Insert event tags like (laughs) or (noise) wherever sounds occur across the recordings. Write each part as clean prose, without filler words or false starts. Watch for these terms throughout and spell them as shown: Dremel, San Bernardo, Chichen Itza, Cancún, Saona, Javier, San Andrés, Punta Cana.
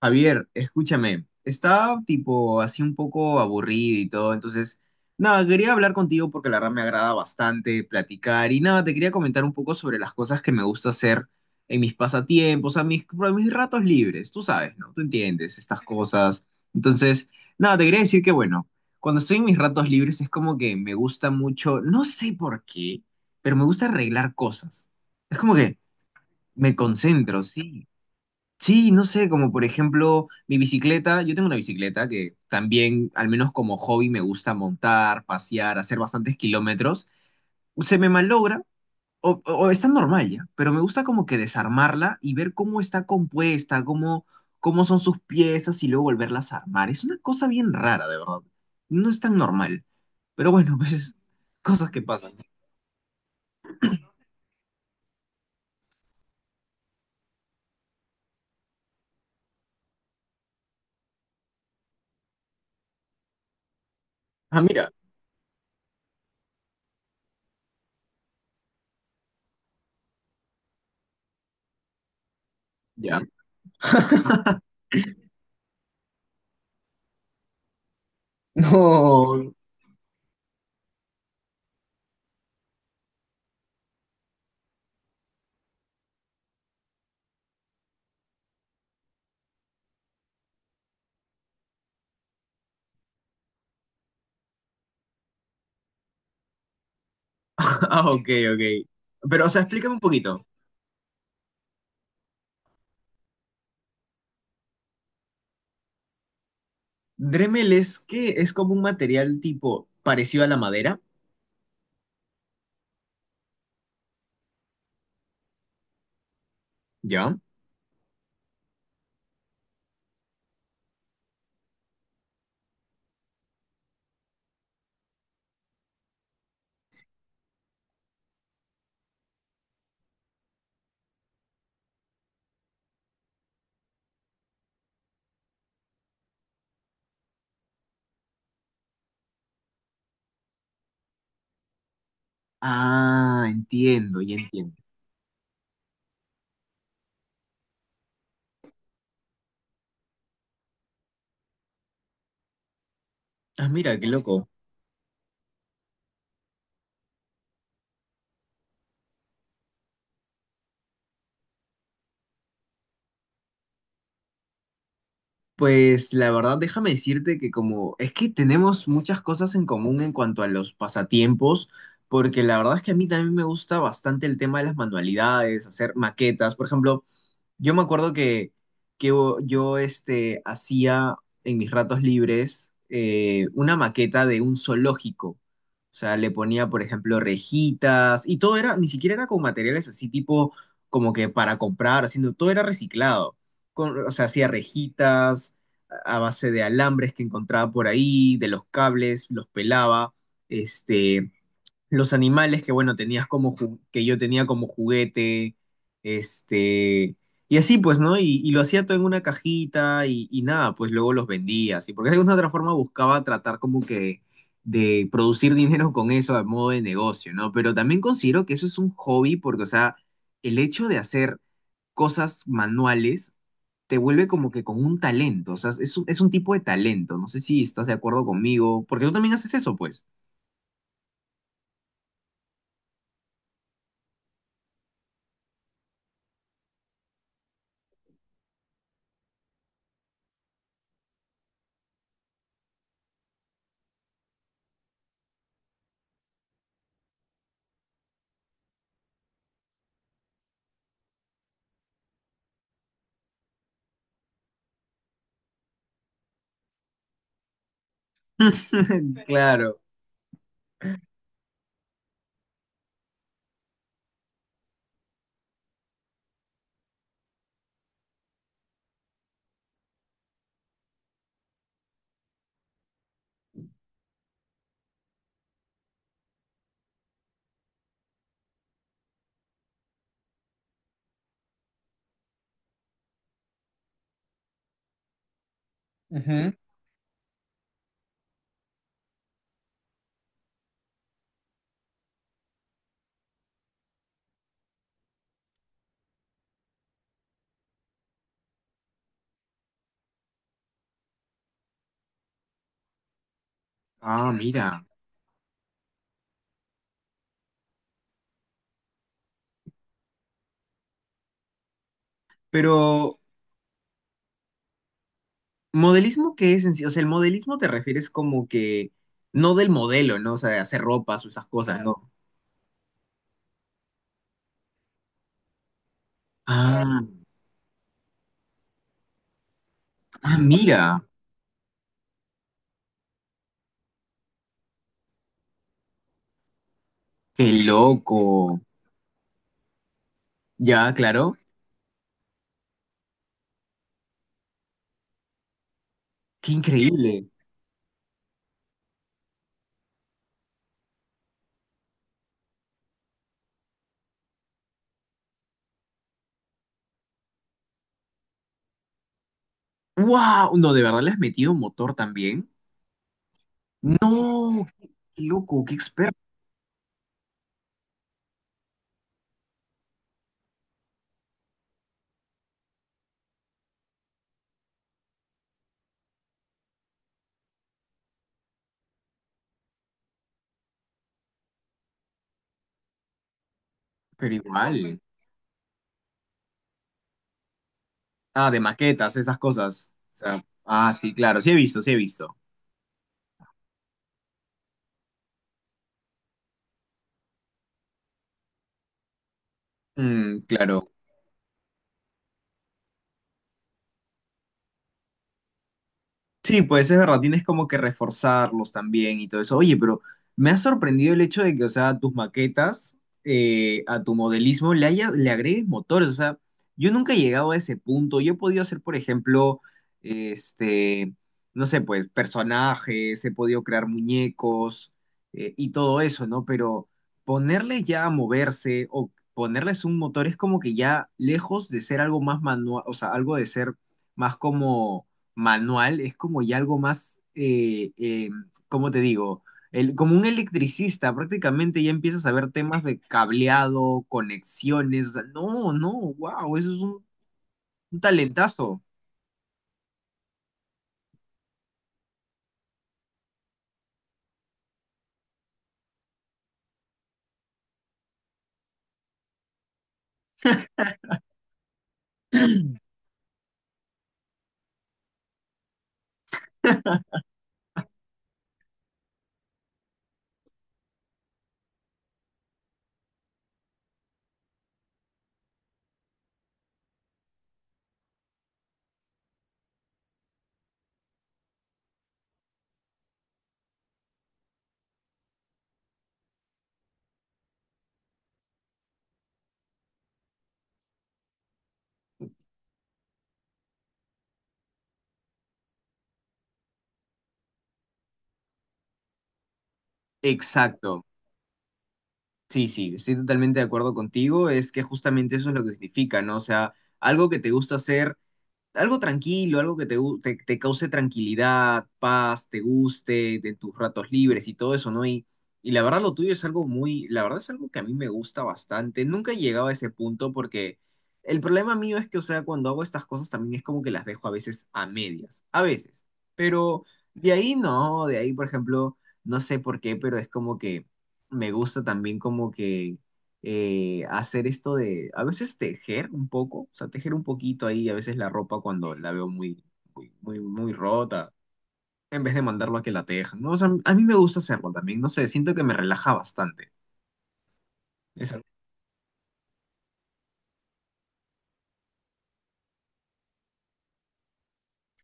Javier, escúchame, estaba tipo así un poco aburrido y todo, entonces, nada, quería hablar contigo porque la verdad me agrada bastante platicar y nada, te quería comentar un poco sobre las cosas que me gusta hacer en mis pasatiempos, a mis ratos libres, tú sabes, ¿no? Tú entiendes estas cosas. Entonces, nada, te quería decir que bueno, cuando estoy en mis ratos libres es como que me gusta mucho, no sé por qué, pero me gusta arreglar cosas. Es como que me concentro, sí. Sí, no sé, como por ejemplo mi bicicleta, yo tengo una bicicleta que también, al menos como hobby, me gusta montar, pasear, hacer bastantes kilómetros. Se me malogra o está normal ya, pero me gusta como que desarmarla y ver cómo está compuesta, cómo, cómo son sus piezas y luego volverlas a armar. Es una cosa bien rara, de verdad. No es tan normal, pero bueno, (laughs) pues cosas que pasan. Ah, mira, ya. (laughs) No. Ah, ok, ok. Pero, o sea, explícame un poquito. Dremel es que es como un material tipo parecido a la madera, ¿ya? Ah, entiendo, ya entiendo. Ah, mira, qué loco. Pues la verdad, déjame decirte que como es que tenemos muchas cosas en común en cuanto a los pasatiempos, porque la verdad es que a mí también me gusta bastante el tema de las manualidades, hacer maquetas. Por ejemplo, yo me acuerdo que, que yo hacía en mis ratos libres una maqueta de un zoológico. O sea, le ponía, por ejemplo, rejitas y todo era, ni siquiera era con materiales así tipo como que para comprar, sino todo era reciclado. Con- o sea, hacía rejitas a base de alambres que encontraba por ahí, de los cables, los pelaba. Este, los animales que, bueno, que yo tenía como juguete, este, y así pues, ¿no? Y lo hacía todo en una cajita y nada, pues luego los vendía, así, porque de alguna otra forma buscaba tratar como que de producir dinero con eso a modo de negocio, ¿no? Pero también considero que eso es un hobby porque, o sea, el hecho de hacer cosas manuales te vuelve como que con un talento, o sea, es un tipo de talento, no sé si estás de acuerdo conmigo, porque tú también haces eso, pues. (laughs) Claro. Ujú. Ah, mira. Pero, ¿modelismo qué es en sí? O sea, el modelismo te refieres como que no del modelo, ¿no? O sea, de hacer ropas o esas cosas. Claro, ¿no? Claro. Ah, ah, mira. Qué loco. Ya, claro. Qué increíble. ¡Wow! No, de verdad le has metido motor también. No, qué loco, qué experto. Pero igual. Ah, de maquetas, esas cosas. O sea, ah, sí, claro. Sí he visto, sí he visto. Mm, claro. Sí, pues es verdad, tienes como que reforzarlos también y todo eso. Oye, pero me ha sorprendido el hecho de que, o sea, tus maquetas, a tu modelismo le haya, le agregues motores. O sea, yo nunca he llegado a ese punto. Yo he podido hacer, por ejemplo, este, no sé, pues personajes, he podido crear muñecos, y todo eso, ¿no? Pero ponerle ya a moverse o ponerles un motor es como que ya lejos de ser algo más manual, o sea, algo de ser más como manual es como ya algo más, ¿cómo te digo? El, como un electricista, prácticamente ya empiezas a ver temas de cableado, conexiones. O sea, no, no, wow, eso es un talentazo. (clears throat) Exacto. Sí, sí, estoy totalmente de acuerdo contigo. Es que justamente eso es lo que significa, ¿no? O sea, algo que te gusta hacer, algo tranquilo, algo que te cause tranquilidad, paz, te guste, de tus ratos libres y todo eso, ¿no? Y la verdad lo tuyo es algo muy, la verdad es algo que a mí me gusta bastante. Nunca he llegado a ese punto porque el problema mío es que, o sea, cuando hago estas cosas también es como que las dejo a veces a medias, a veces. Pero de ahí no, de ahí, por ejemplo, no sé por qué, pero es como que me gusta también como que hacer esto de, a veces tejer un poco, o sea, tejer un poquito ahí, a veces la ropa cuando la veo muy rota, en vez de mandarlo a que la tejan, ¿no? O sea, a mí me gusta hacerlo también, no sé, siento que me relaja bastante. Es- algo-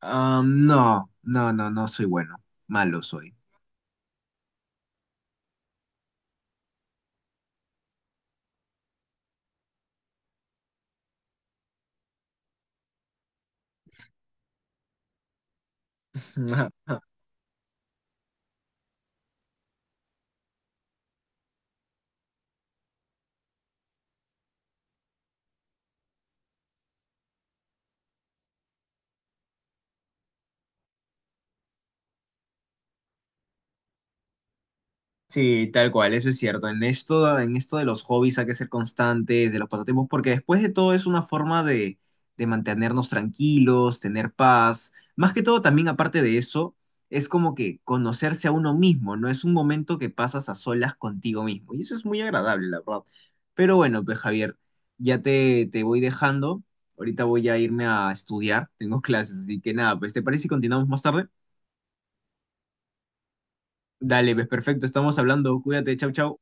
Ah, no, no, no, no soy bueno, malo soy. (laughs) Sí, tal cual, eso es cierto. En esto de los hobbies hay que ser constantes, de los pasatiempos, porque después de todo es una forma de mantenernos tranquilos, tener paz. Más que todo, también aparte de eso, es como que conocerse a uno mismo, ¿no? Es un momento que pasas a solas contigo mismo. Y eso es muy agradable, la verdad. Pero bueno, pues Javier, ya te voy dejando. Ahorita voy a irme a estudiar, tengo (laughs) clases, así que nada, pues ¿te parece si continuamos más tarde? Dale, pues perfecto, estamos hablando. Cuídate, chau, chau.